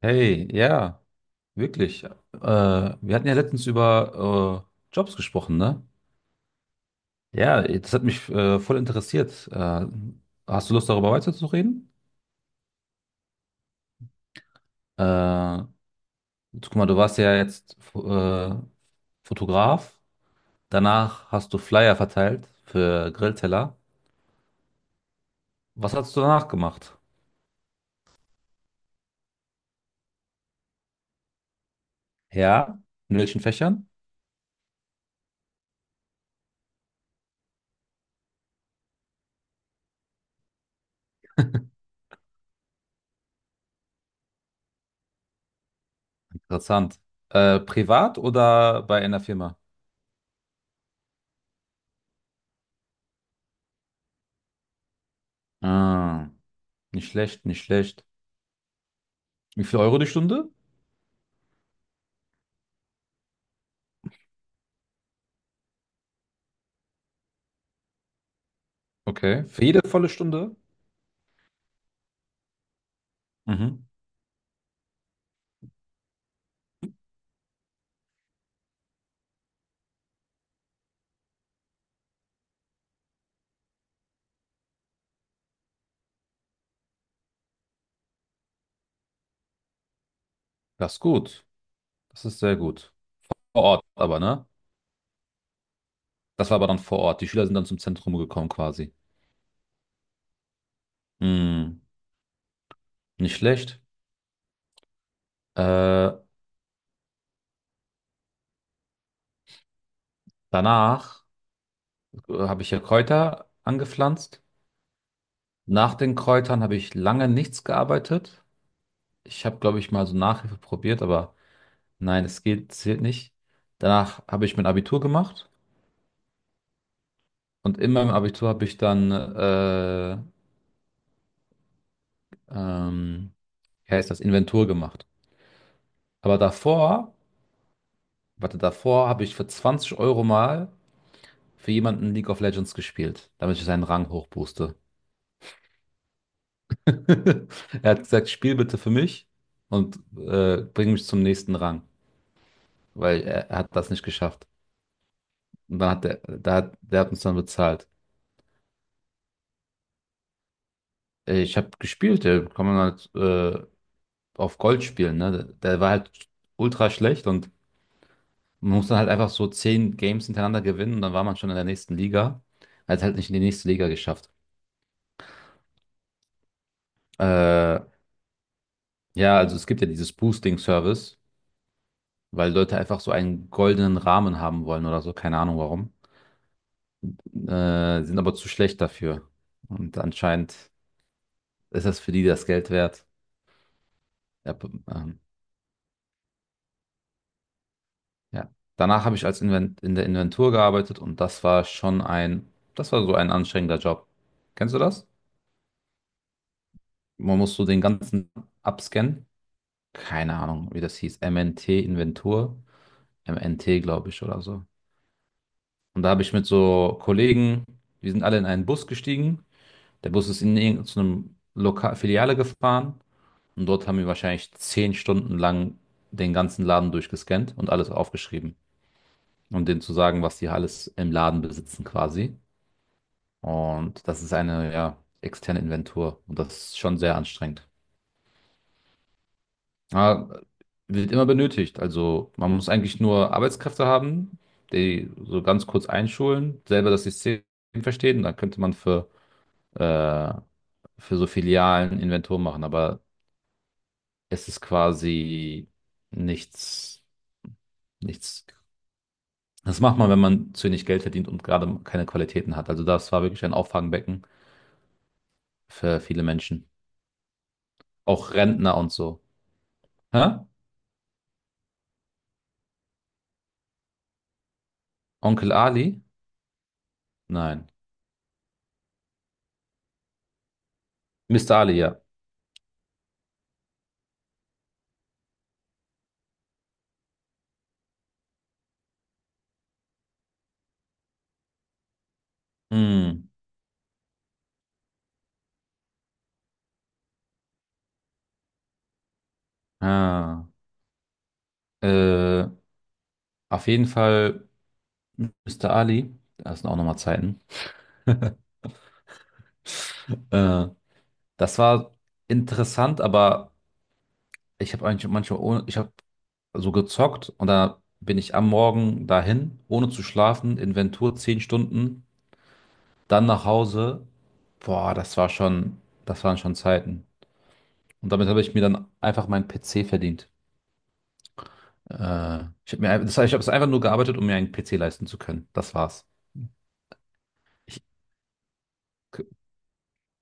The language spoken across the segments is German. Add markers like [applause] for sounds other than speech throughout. Hey, ja, wirklich. Wir hatten ja letztens über Jobs gesprochen, ne? Ja, das hat mich voll interessiert. Hast du Lust, darüber weiterzureden? Äh, guck mal, du warst ja jetzt Fotograf. Danach hast du Flyer verteilt für Grillteller. Was hast du danach gemacht? Ja, in welchen Fächern? Interessant. Privat oder bei einer Firma? Ah, nicht schlecht, nicht schlecht. Wie viel Euro die Stunde? Okay. Für jede volle Stunde? Mhm. Das ist gut. Das ist sehr gut. Vor Ort aber, ne? Das war aber dann vor Ort. Die Schüler sind dann zum Zentrum gekommen quasi. Hm, nicht schlecht. Äh, danach habe ich ja Kräuter angepflanzt. Nach den Kräutern habe ich lange nichts gearbeitet. Ich habe, glaube ich, mal so Nachhilfe probiert, aber nein, es geht, zählt nicht. Danach habe ich mein Abitur gemacht und in meinem Abitur habe ich dann, ähm, wie heißt das, Inventur gemacht. Aber davor, warte, davor habe ich für 20 € mal für jemanden League of Legends gespielt, damit ich seinen Rang hochbooste. [laughs] Er hat gesagt, spiel bitte für mich und bring mich zum nächsten Rang, weil er hat das nicht geschafft. Und dann hat der hat uns dann bezahlt. Ich habe gespielt, kann man halt auf Gold spielen, ne? Der war halt ultra schlecht und man muss dann halt einfach so 10 Games hintereinander gewinnen und dann war man schon in der nächsten Liga. Er hat halt nicht in die nächste Liga geschafft. Äh, Ja, also es gibt ja dieses Boosting-Service, weil Leute einfach so einen goldenen Rahmen haben wollen oder so, keine Ahnung warum. Sind aber zu schlecht dafür. Und anscheinend ist das für die das Geld wert. Ja, ja. Danach habe ich als Invent in der Inventur gearbeitet und das war schon ein, das war so ein anstrengender Job. Kennst du das? Man muss so den ganzen abscannen. Keine Ahnung, wie das hieß. MNT Inventur. MNT, glaube ich, oder so. Und da habe ich mit so Kollegen, wir sind alle in einen Bus gestiegen. Der Bus ist in irgendeine Lokal Filiale gefahren und dort haben wir wahrscheinlich 10 Stunden lang den ganzen Laden durchgescannt und alles aufgeschrieben, um denen zu sagen, was die alles im Laden besitzen quasi. Und das ist eine, ja, externe Inventur und das ist schon sehr anstrengend. Aber wird immer benötigt. Also man muss eigentlich nur Arbeitskräfte haben, die so ganz kurz einschulen, selber das System verstehen. Dann könnte man äh, für so Filialen Inventur machen. Aber es ist quasi nichts, nichts. Das macht man, wenn man zu wenig Geld verdient und gerade keine Qualitäten hat. Also das war wirklich ein Auffangbecken für viele Menschen. Auch Rentner und so. Hä? Onkel Ali? Nein. Mister Ali, ja. Hm. Ah. Äh, auf jeden Fall Mister Ali. Das sind auch nochmal Zeiten. [laughs] Äh, das war interessant, aber ich habe eigentlich manchmal, ohne, ich hab, so gezockt und da bin ich am Morgen dahin, ohne zu schlafen, Inventur 10 Stunden, dann nach Hause. Boah, das war schon, das waren schon Zeiten. Und damit habe ich mir dann einfach meinen PC verdient. Äh, ich habe mir, das heißt, ich habe es einfach nur gearbeitet, um mir einen PC leisten zu können. Das war's. Ich, g-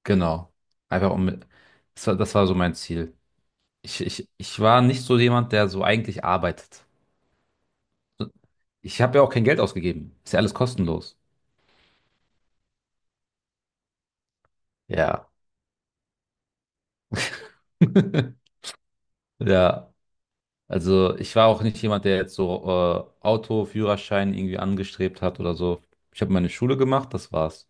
genau. Einfach um, das war so mein Ziel. Ich war nicht so jemand, der so eigentlich arbeitet. Ich habe ja auch kein Geld ausgegeben. Ist ja alles kostenlos. Ja. [laughs] Ja. Also ich war auch nicht jemand, der jetzt so Auto, Führerschein irgendwie angestrebt hat oder so. Ich habe meine Schule gemacht, das war's.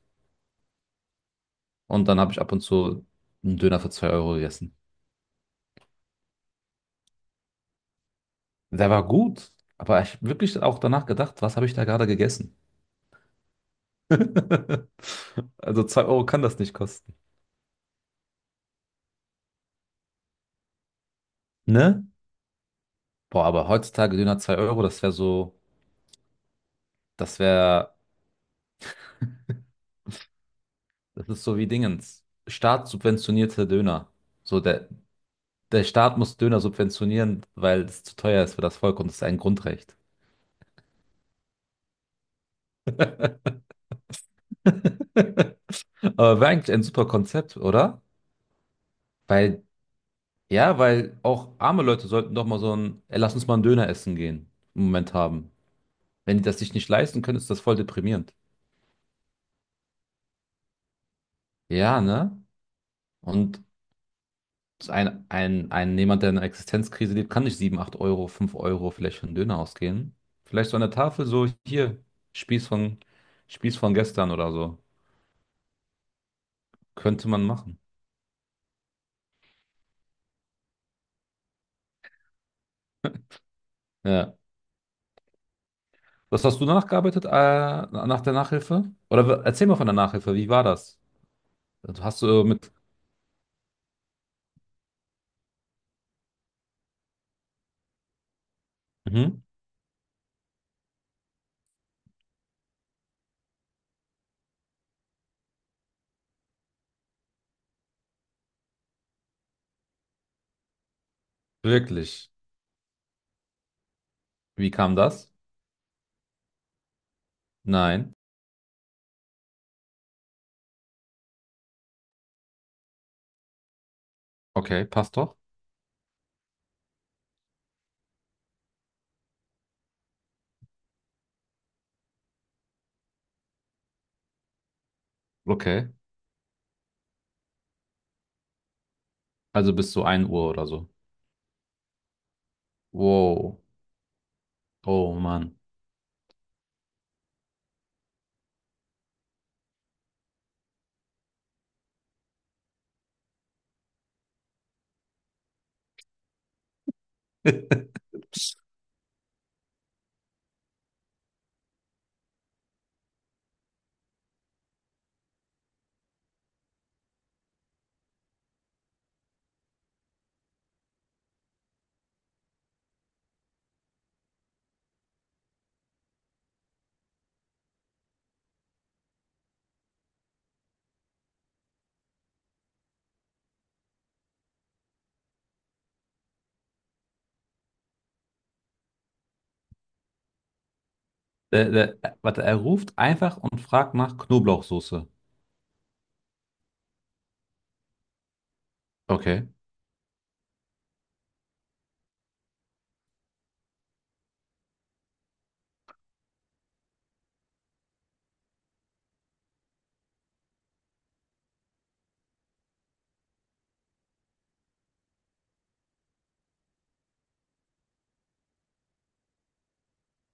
Und dann habe ich ab und zu einen Döner für 2 € gegessen. Der war gut, aber ich habe wirklich auch danach gedacht, was habe ich da gerade gegessen? [laughs] Also 2 € kann das nicht kosten. Ne? Boah, aber heutzutage Döner 2 Euro, das wäre so, das wäre, das ist so wie Dingens. Staatssubventionierte Döner. So der, Der Staat muss Döner subventionieren, weil es zu teuer ist für das Volk und es ist ein Grundrecht. [laughs] Aber wäre eigentlich ein super Konzept, oder? Weil, ja, weil auch arme Leute sollten doch mal so ein, ey, lass uns mal einen Döner essen gehen, Moment haben. Wenn die das sich nicht leisten können, ist das voll deprimierend. Ja, ne? Und ein jemand, der in einer Existenzkrise lebt, kann nicht 7, 8 Euro, 5 € vielleicht für einen Döner ausgehen. Vielleicht so an der Tafel so, hier, Spieß von, Spieß von gestern oder so. Könnte man machen. Ja. Was hast du danach gearbeitet, nach der Nachhilfe? Oder erzähl mal von der Nachhilfe, wie war das? Also hast du mit. Mhm. Wirklich? Wie kam das? Nein. Okay, passt doch. Okay. Also bis zu 1 Uhr oder so. Wow. Oh Mann. [laughs] Warte, er ruft einfach und fragt nach Knoblauchsoße. Okay.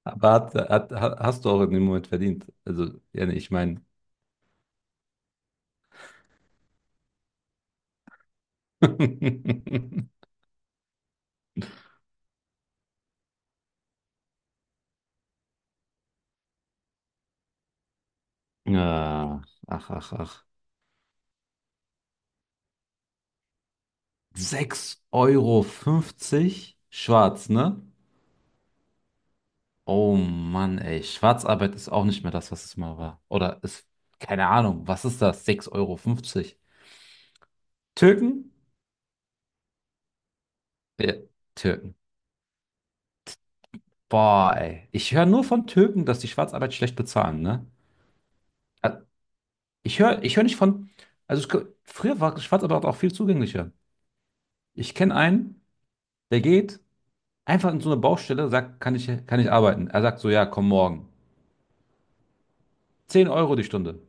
Aber hast du auch in dem Moment verdient. Also, ja, nee, ich meine. [laughs] Ja, ach, ach, ach. Sechs Euro fünfzig, schwarz, ne? Oh Mann, ey. Schwarzarbeit ist auch nicht mehr das, was es mal war. Oder ist, keine Ahnung, was ist das? Sechs Euro fünfzig, Türken? Ja, Türken. Boah, ey. Ich höre nur von Türken, dass die Schwarzarbeit schlecht bezahlen, ne? Äh, ich höre nicht von. Also ich, früher war Schwarzarbeit auch viel zugänglicher. Ich kenne einen, der geht einfach in so eine Baustelle, sagt, kann ich arbeiten? Er sagt so, ja, komm morgen. 10 € die Stunde.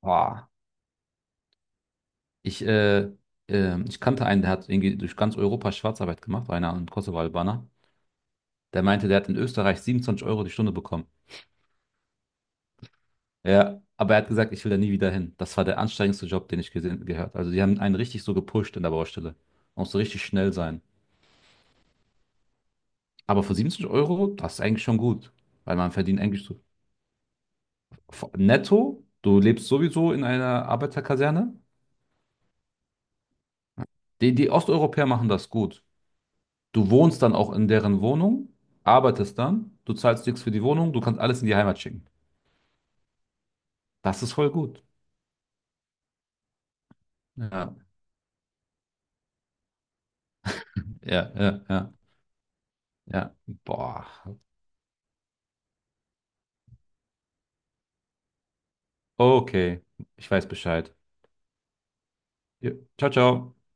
Boah. Ich, äh, ich kannte einen, der hat irgendwie durch ganz Europa Schwarzarbeit gemacht, einer ein Kosovo-Albaner. Der meinte, der hat in Österreich 27 € die Stunde bekommen. Ja, aber er hat gesagt, ich will da nie wieder hin. Das war der anstrengendste Job, den ich gesehen, gehört. Also die haben einen richtig so gepusht in der Baustelle. Man muss so richtig schnell sein. Aber für 27 Euro, das ist eigentlich schon gut. Weil man verdient eigentlich so netto, du lebst sowieso in einer Arbeiterkaserne. Die Osteuropäer machen das gut. Du wohnst dann auch in deren Wohnung, arbeitest dann, du zahlst nichts für die Wohnung, du kannst alles in die Heimat schicken. Das ist voll gut. Ja, ja, ja, ja, ja. Boah. Okay, ich weiß Bescheid. Ja. Ciao, ciao.